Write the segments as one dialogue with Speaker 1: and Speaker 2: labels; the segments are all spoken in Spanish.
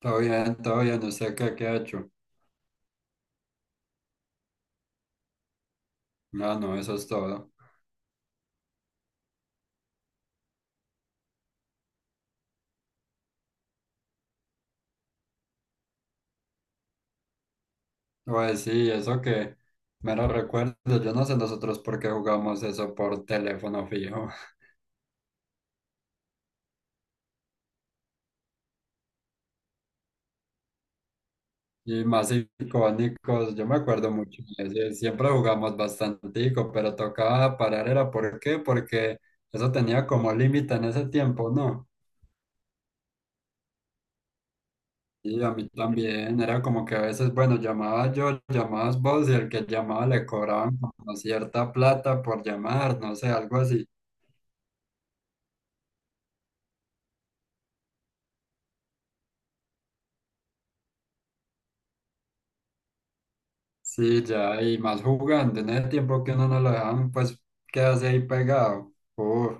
Speaker 1: Todo bien, ¿usted qué, ha hecho? Ah, no, eso es todo. Pues sí, eso que me lo recuerdo. Yo no sé nosotros por qué jugamos eso por teléfono fijo. Y más icónicos, yo me acuerdo mucho de ese, siempre jugamos bastantico, pero tocaba parar, ¿era por qué? Porque eso tenía como límite en ese tiempo, ¿no? Y a mí también, era como que a veces, bueno, llamaba yo, llamabas vos y el que llamaba le cobraban como cierta plata por llamar, no sé, algo así. Sí, ya, y más jugando, en ese tiempo que uno no lo dejan, pues quedarse ahí pegado. Uf.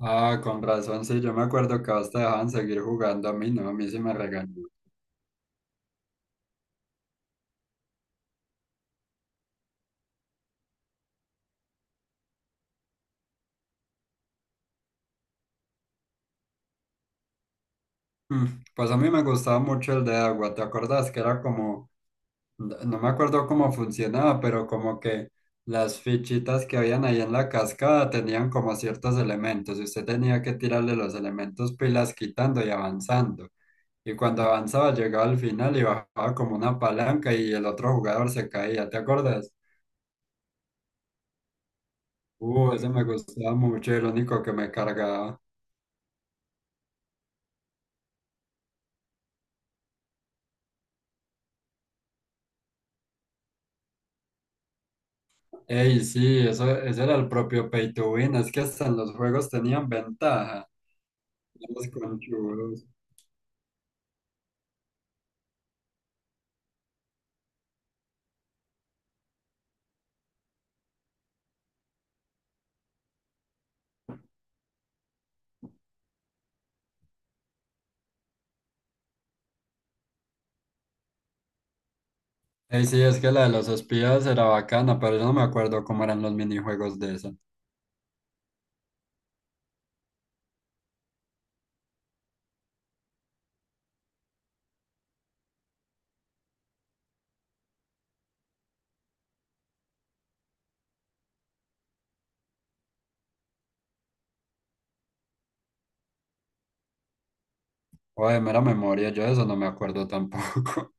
Speaker 1: Ah, con razón, sí, yo me acuerdo que hasta dejaban seguir jugando, a mí no, a mí sí me regañó. Mm. Pues a mí me gustaba mucho el de agua, ¿te acordás? Que era como, no me acuerdo cómo funcionaba, pero como que las fichitas que habían ahí en la cascada tenían como ciertos elementos y usted tenía que tirarle los elementos pilas quitando y avanzando. Y cuando avanzaba, llegaba al final y bajaba como una palanca y el otro jugador se caía, ¿te acuerdas? Ese me gustaba mucho, era el único que me cargaba. Ey, sí, eso, ese era el propio pay to win, es que hasta en los juegos tenían ventaja. Los conchudos. Ey, sí, es que la de los espías era bacana, pero yo no me acuerdo cómo eran los minijuegos de esa. O de mera memoria, yo de eso no me acuerdo tampoco.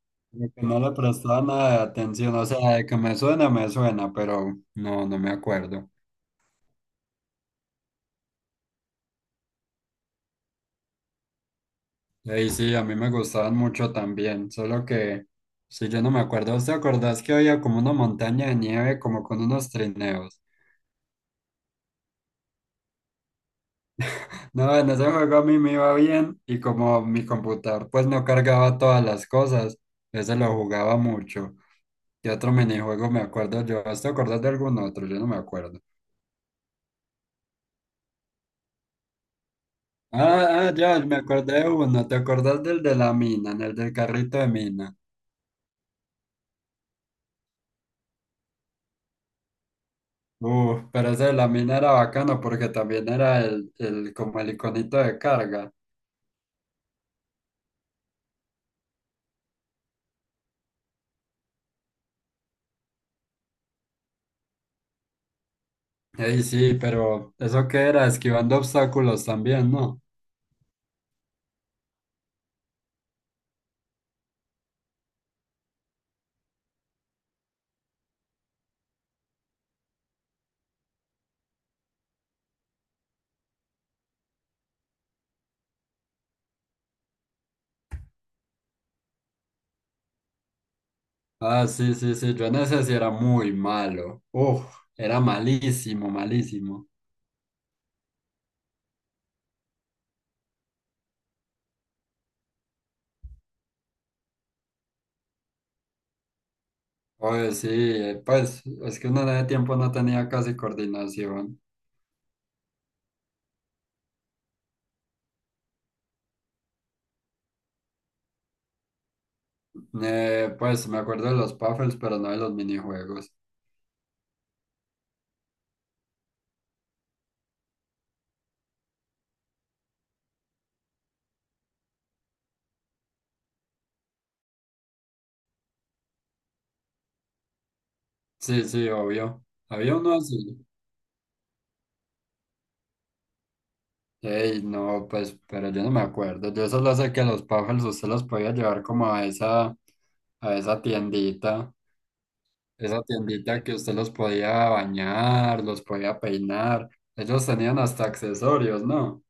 Speaker 1: Como que no le prestaba nada de atención, o sea, de que me suena, pero no, no me acuerdo. Ey, sí, a mí me gustaban mucho también, solo que si yo no me acuerdo, ¿usted acordás que había como una montaña de nieve como con unos trineos? No, en ese juego a mí me iba bien y como mi computador pues no cargaba todas las cosas, ese lo jugaba mucho. ¿Qué otro minijuego me acuerdo yo? ¿Usted acordás de algún otro? Yo no me acuerdo. Ah, ah, ya, me acordé de uno, ¿te acordás del de la mina, en el del carrito de mina? Pero ese de la mina era bacano porque también era el como el iconito de carga. Ey, sí, pero eso que era esquivando obstáculos también, ¿no? Ah, sí, sí, sí, yo en ese sí era muy malo. Uf, era malísimo, malísimo. Oye, sí, pues es que uno de tiempo no tenía casi coordinación. Pues me acuerdo de los puffles, pero no de los minijuegos. Sí, sí, obvio. Había uno así. Ey, no, pues, pero yo no me acuerdo. Yo solo sé que los puffles usted los podía llevar como a esa tiendita. Esa tiendita que usted los podía bañar, los podía peinar. Ellos tenían hasta accesorios, ¿no?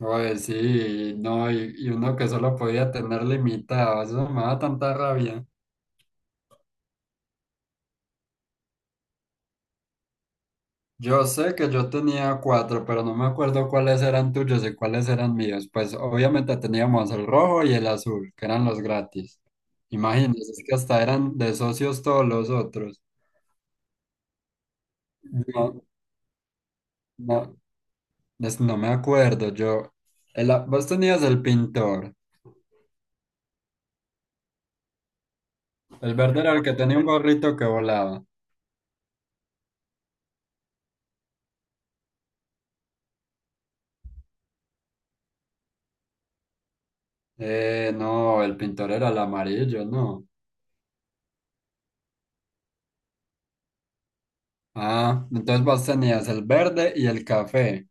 Speaker 1: Oye, sí, no, y uno que solo podía tener limitado. Eso me da tanta rabia. Yo sé que yo tenía cuatro, pero no me acuerdo cuáles eran tuyos y cuáles eran míos. Pues obviamente teníamos el rojo y el azul, que eran los gratis. Imagínense, es que hasta eran de socios todos los otros. No, no, no me acuerdo. Yo, vos tenías el pintor. El verde era el que tenía un gorrito que volaba. No, el pintor era el amarillo, no. Ah, entonces vos tenías el verde y el café.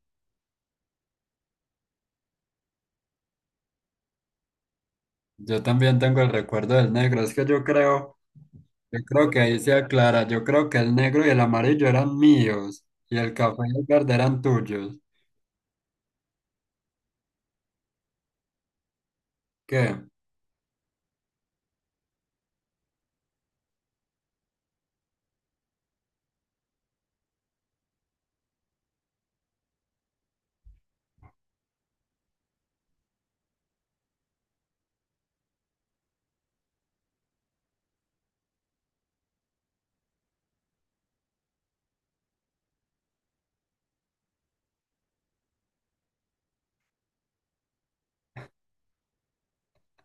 Speaker 1: Yo también tengo el recuerdo del negro. Es que yo creo que ahí se aclara. Yo creo que el negro y el amarillo eran míos y el café y el verde eran tuyos. ¿Qué?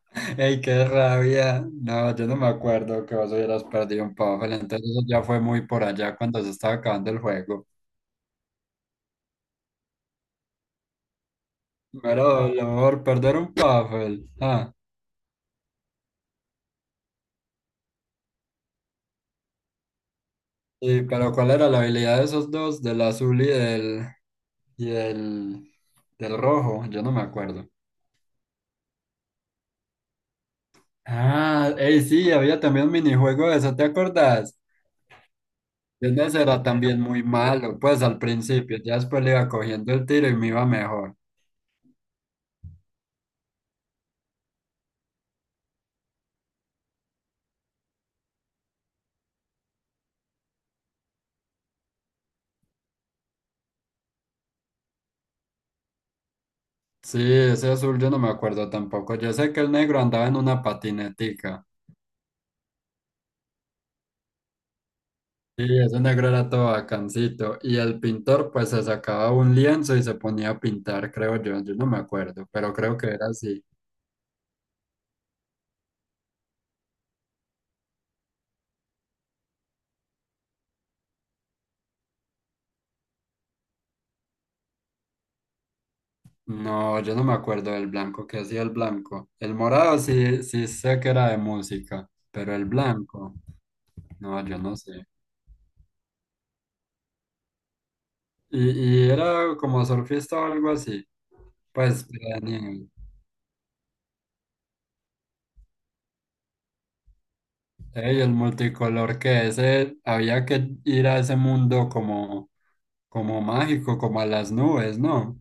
Speaker 1: ¡Ey, qué rabia! No, yo no me acuerdo que vos hubieras perdido un pavo. Entonces eso ya fue muy por allá cuando se estaba acabando el juego. Pero lo mejor perder un Puffle. Ah. Sí, pero ¿cuál era la habilidad de esos dos? Del azul y del, del rojo. Yo no me acuerdo. Ah, hey, sí, había también un minijuego de eso, ¿te acordás? Yo en ese era también muy malo, pues al principio, ya después le iba cogiendo el tiro y me iba mejor. Sí, ese azul yo no me acuerdo tampoco. Yo sé que el negro andaba en una patinetica. Sí, ese negro era todo bacancito. Y el pintor pues se sacaba un lienzo y se ponía a pintar, creo yo. Yo no me acuerdo, pero creo que era así. No, yo no me acuerdo del blanco, que hacía el blanco. El morado sí, sí sé que era de música, pero el blanco, no, yo no sé. Y era como surfista o algo así. Pues, pero de niño. Ey, el multicolor que ese, había que ir a ese mundo como, como mágico, como a las nubes, ¿no?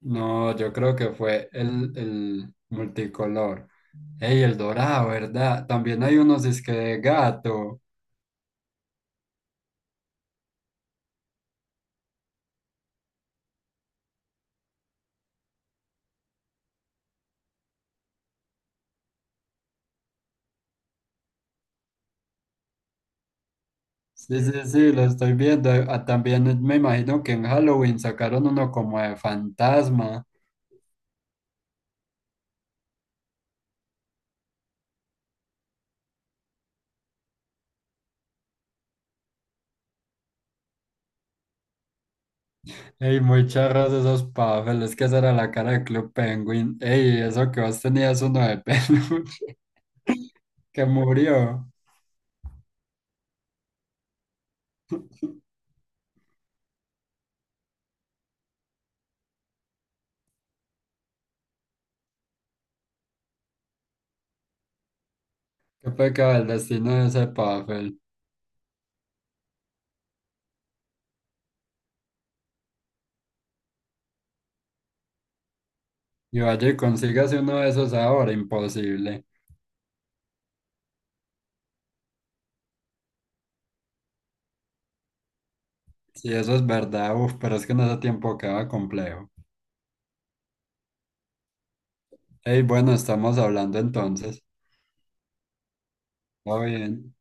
Speaker 1: No, yo creo que fue el multicolor. Ey, el dorado, ¿verdad? También hay unos disque de gato. Sí, sí, sí, lo estoy viendo. Ah, también me imagino que en Halloween sacaron uno como de fantasma. Ey, muy charros esos pavos, es que esa era la cara de Club Penguin. Ey, eso que vos tenías uno de peluche que murió. Qué pecado el destino de ese Pavel. Y vaya y consígase uno de esos ahora, imposible. Si eso es verdad, uff, pero es que en ese tiempo queda complejo. Ey, bueno, estamos hablando entonces. Todo bien.